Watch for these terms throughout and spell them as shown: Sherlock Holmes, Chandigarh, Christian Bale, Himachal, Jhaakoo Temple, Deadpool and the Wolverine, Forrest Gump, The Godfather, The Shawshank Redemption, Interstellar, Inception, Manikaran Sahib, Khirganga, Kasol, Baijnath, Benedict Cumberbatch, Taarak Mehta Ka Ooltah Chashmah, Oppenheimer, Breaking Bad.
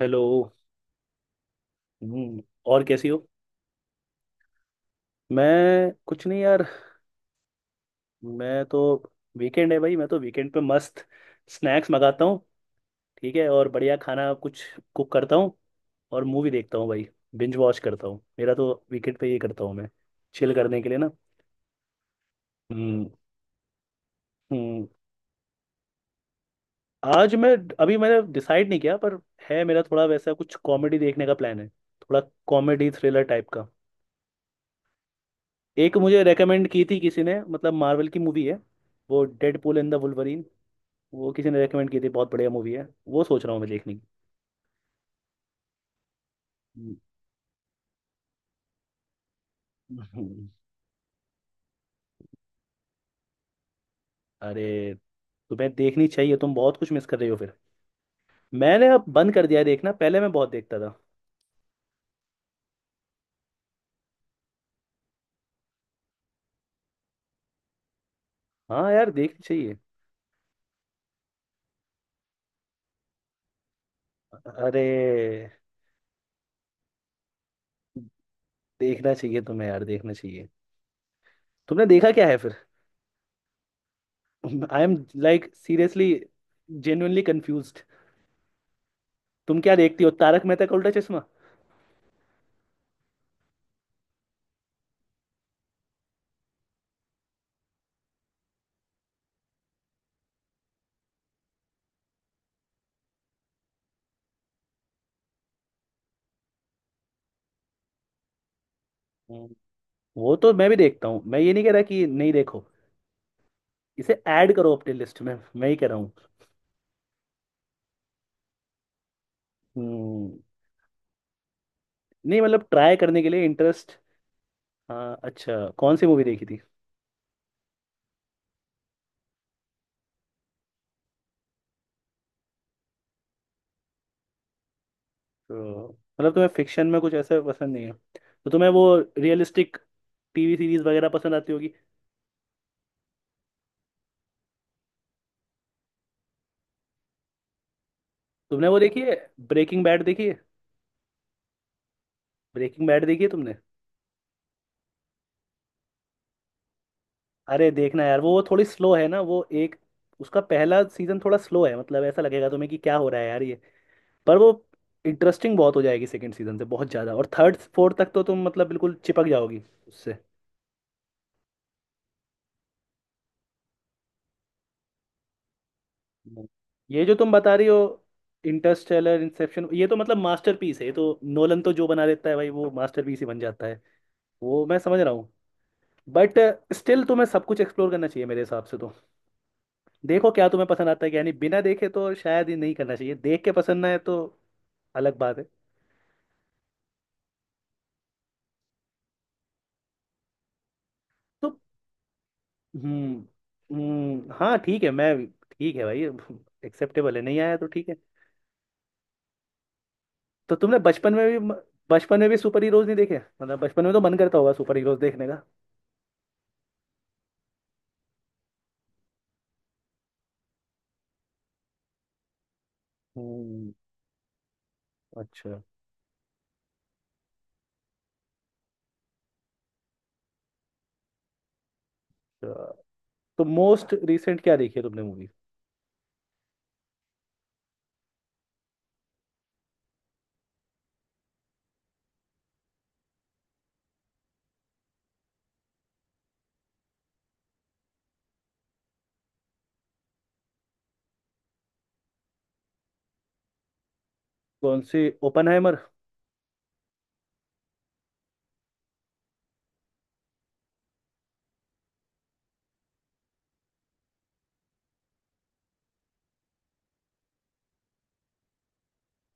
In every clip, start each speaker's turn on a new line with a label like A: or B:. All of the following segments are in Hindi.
A: हेलो। और कैसी हो। मैं कुछ नहीं यार। मैं तो वीकेंड है भाई, मैं तो वीकेंड पे मस्त स्नैक्स मंगाता हूँ। ठीक है, और बढ़िया खाना कुछ कुक करता हूँ, और मूवी देखता हूँ भाई। बिंज वॉच करता हूँ, मेरा तो वीकेंड पे ये करता हूँ मैं, चिल करने के लिए ना। हम्म हम्म आज मैं, अभी मैंने डिसाइड नहीं किया, पर है, मेरा थोड़ा वैसा कुछ कॉमेडी देखने का प्लान है, थोड़ा कॉमेडी थ्रिलर टाइप का। एक मुझे रेकमेंड की थी किसी ने, मतलब मार्वल की मूवी है वो, डेडपूल एंड द वुल्वरीन। वो किसी ने रेकमेंड की थी, बहुत बढ़िया मूवी है वो, सोच रहा हूँ मैं देखने की। हम्म। अरे तुम्हें देखनी चाहिए, तुम बहुत कुछ मिस कर रही हो फिर। मैंने अब बंद कर दिया है देखना, पहले मैं बहुत देखता था। हाँ यार देखनी चाहिए। अरे देखना चाहिए तुम्हें यार, देखना चाहिए। तुमने देखा क्या है फिर? आई am, like, seriously genuinely confuse. तुम क्या देखती हो, तारक मेहता का उल्टा चश्मा? हम्म। वो तो मैं भी देखता हूँ, मैं ये नहीं कह रहा कि नहीं देखो, इसे ऐड करो अपने लिस्ट में, मैं ही कह रहा हूँ। हम्म, नहीं मतलब ट्राई करने के लिए इंटरेस्ट। हाँ अच्छा, कौन सी मूवी देखी थी? तो मतलब तुम्हें फिक्शन में कुछ ऐसा पसंद नहीं है, तो तुम्हें वो रियलिस्टिक टीवी सीरीज वगैरह पसंद आती होगी। तुमने वो देखी है, ब्रेकिंग बैड देखी है? तुमने? अरे देखना यार, वो थोड़ी स्लो है ना वो, एक, उसका पहला सीजन थोड़ा स्लो है, मतलब ऐसा लगेगा तुम्हें कि क्या हो रहा है यार ये, पर वो इंटरेस्टिंग बहुत हो जाएगी सेकंड सीजन से बहुत ज़्यादा, और थर्ड फोर्थ तक तो तुम मतलब बिल्कुल चिपक जाओगी उससे। नहीं। ये जो तुम बता रही हो, इंटरस्टेलर, इंसेप्शन, ये तो मतलब मास्टरपीस है, ये तो नोलन तो जो बना देता है भाई वो मास्टरपीस ही बन जाता है। वो मैं समझ रहा हूँ, बट स्टिल तुम्हें सब कुछ एक्सप्लोर करना चाहिए मेरे हिसाब से तो। देखो क्या तुम्हें पसंद आता है, यानी बिना देखे तो शायद ही नहीं करना चाहिए, देख के पसंद ना है तो अलग बात है। तो हम्म हाँ ठीक है मैं, ठीक है भाई, एक्सेप्टेबल है, नहीं आया तो ठीक है। तो तुमने बचपन में भी सुपर हीरोज नहीं देखे? मतलब बचपन में तो मन करता होगा सुपर हीरोज देखने का। हम्म अच्छा। अच्छा, तो मोस्ट रिसेंट क्या देखी है तुमने मूवी? कौन सी, ओपनहाइमर?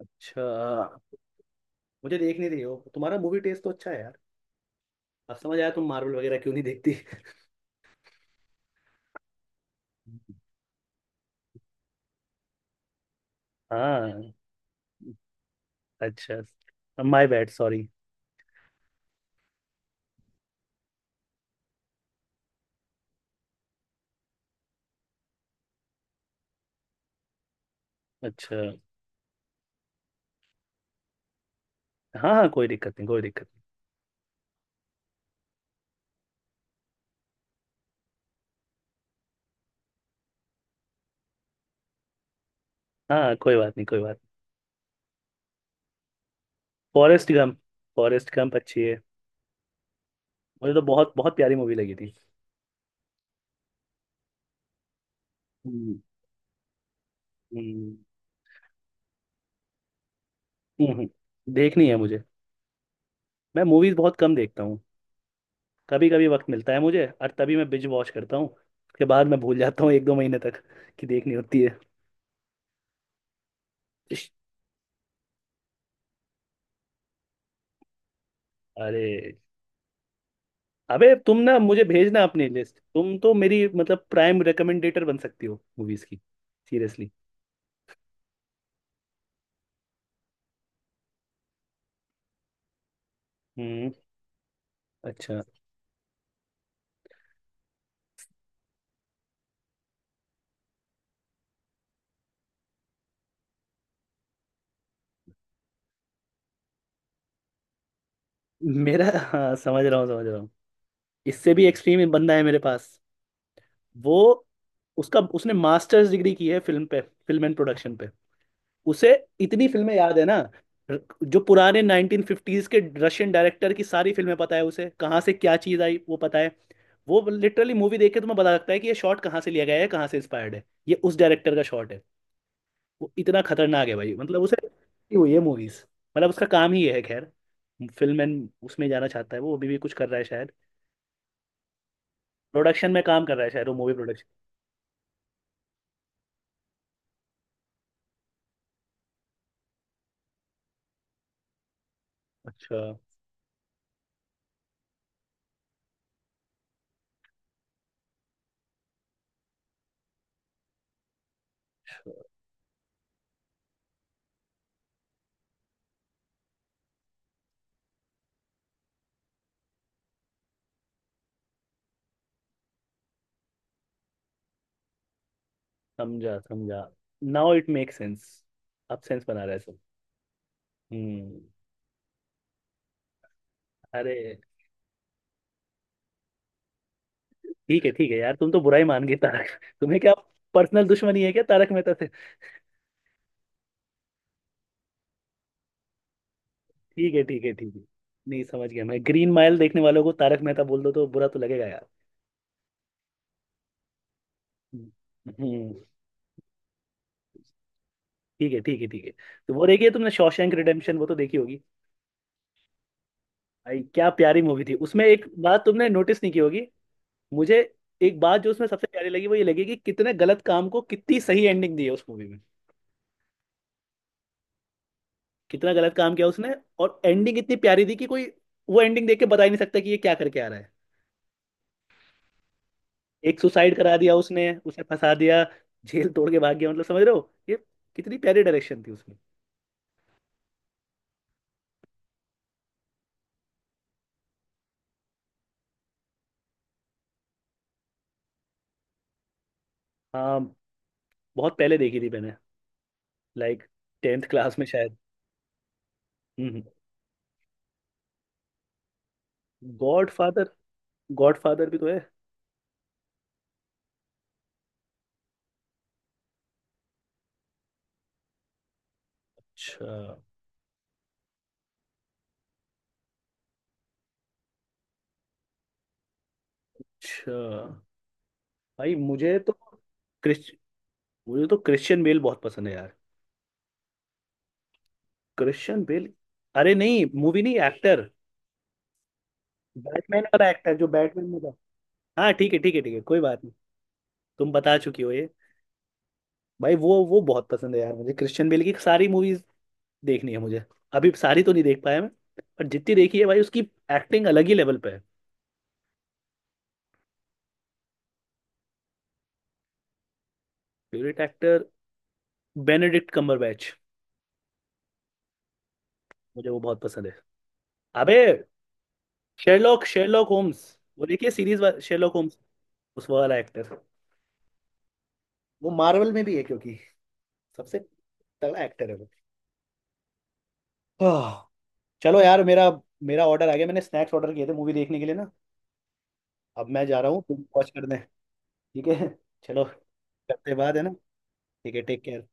A: अच्छा। मुझे देख नहीं रही हो, तुम्हारा मूवी टेस्ट तो अच्छा है यार, अब समझ आया तुम मार्वल वगैरह क्यों नहीं देखती। हाँ अच्छा, माय बैड सॉरी। अच्छा, हाँ हाँ, कोई दिक्कत नहीं, कोई दिक्कत नहीं। हाँ हाँ, कोई बात नहीं, कोई बात नहीं। फॉरेस्ट गम फॉरेस्ट गंप अच्छी है। मुझे तो बहुत बहुत प्यारी मूवी लगी थी। हम्म हम्म, देखनी है मुझे, मैं मूवीज बहुत कम देखता हूँ। कभी कभी वक्त मिलता है मुझे, और तभी मैं बिंज वॉच करता हूँ, उसके बाद मैं भूल जाता हूँ एक दो महीने तक कि देखनी होती है। इश, अरे अबे, तुम ना मुझे भेजना अपनी लिस्ट, तुम तो मेरी मतलब प्राइम रिकमेंडेटर बन सकती हो मूवीज की, सीरियसली। हम्म अच्छा। मेरा हाँ समझ रहा हूँ, समझ रहा हूँ। इससे भी एक्सट्रीम बंदा है मेरे पास, वो उसका उसने मास्टर्स डिग्री की है फिल्म पे, फिल्म एंड प्रोडक्शन। उसे इतनी फिल्में याद है ना, जो पुराने 1950s के रशियन डायरेक्टर की सारी फिल्में पता है उसे, कहाँ से क्या चीज आई वो पता है। वो लिटरली मूवी देख के तुम्हें पता लगता है कि ये शॉट कहाँ से लिया गया है, कहाँ से इंस्पायर्ड है, ये उस डायरेक्टर का शॉट है। वो इतना खतरनाक है भाई, मतलब उसे ये हुई है मूवीज, मतलब उसका काम ही ये है, खैर। फिल्म एंड उसमें जाना चाहता है वो, अभी भी कुछ कर रहा है शायद, प्रोडक्शन में काम कर रहा है शायद वो, मूवी प्रोडक्शन। अच्छा, समझा समझा। नाउ इट मेक सेंस, अब सेंस बना रहा है सब। हम्म। अरे ठीक है यार, तुम तो बुरा ही मान गई तारक, तुम्हें क्या पर्सनल दुश्मनी है क्या तारक मेहता से? ठीक है ठीक है ठीक है, नहीं समझ गया मैं, ग्रीन माइल देखने वालों को तारक मेहता बोल दो तो बुरा तो लगेगा यार। हम्म हम्म, ठीक है ठीक है ठीक है। तो वो देखिए, तुमने शॉशैंक रिडेम्पशन वो तो देखी होगी। भाई क्या प्यारी मूवी थी, उसमें एक बात तुमने नोटिस नहीं की होगी। मुझे एक बात जो उसमें सबसे प्यारी लगी, वो ये लगी कि कितने गलत काम को कितनी सही एंडिंग दी है उस मूवी में। कितना गलत काम किया उसने, और एंडिंग इतनी प्यारी दी कि कोई वो एंडिंग देख के बता ही नहीं सकता कि ये क्या करके आ रहा है। एक सुसाइड करा दिया उसने, उसे फंसा दिया, जेल तोड़ के भाग गया, मतलब समझ रहे हो ये, कितनी प्यारी डायरेक्शन थी उसमें। हाँ, बहुत पहले देखी थी मैंने, लाइक टेंथ क्लास में शायद। हम्म। गॉड फादर, गॉड फादर भी तो है। अच्छा। अच्छा भाई, क्रिश मुझे तो क्रिश्चियन बेल बहुत पसंद है यार। क्रिश्चियन बेल, अरे नहीं मूवी नहीं, एक्टर, बैटमैन वाला एक्टर जो बैटमैन में था। हाँ ठीक है ठीक है ठीक है, कोई बात नहीं, तुम बता चुकी हो ये। भाई वो बहुत पसंद है यार मुझे, क्रिश्चियन बेल की सारी मूवीज देखनी है मुझे, अभी सारी तो नहीं देख पाया मैं, पर जितनी देखी है भाई उसकी एक्टिंग अलग ही लेवल पे है। Favourite actor, Benedict Cumberbatch. मुझे वो बहुत पसंद है। अबे, शेरलॉक शेरलॉक होम्स, वो देखिए सीरीज शेरलॉक होम्स, उस वाला एक्टर, वो मार्वल में भी है, क्योंकि सबसे तगड़ा एक्टर है वो। आह, चलो यार, मेरा मेरा ऑर्डर आ गया, मैंने स्नैक्स ऑर्डर किए थे मूवी देखने के लिए ना, अब मैं जा रहा हूँ, तुम वॉच कर दें, ठीक है, चलो करते हैं बाद, है ना, ठीक है टेक केयर।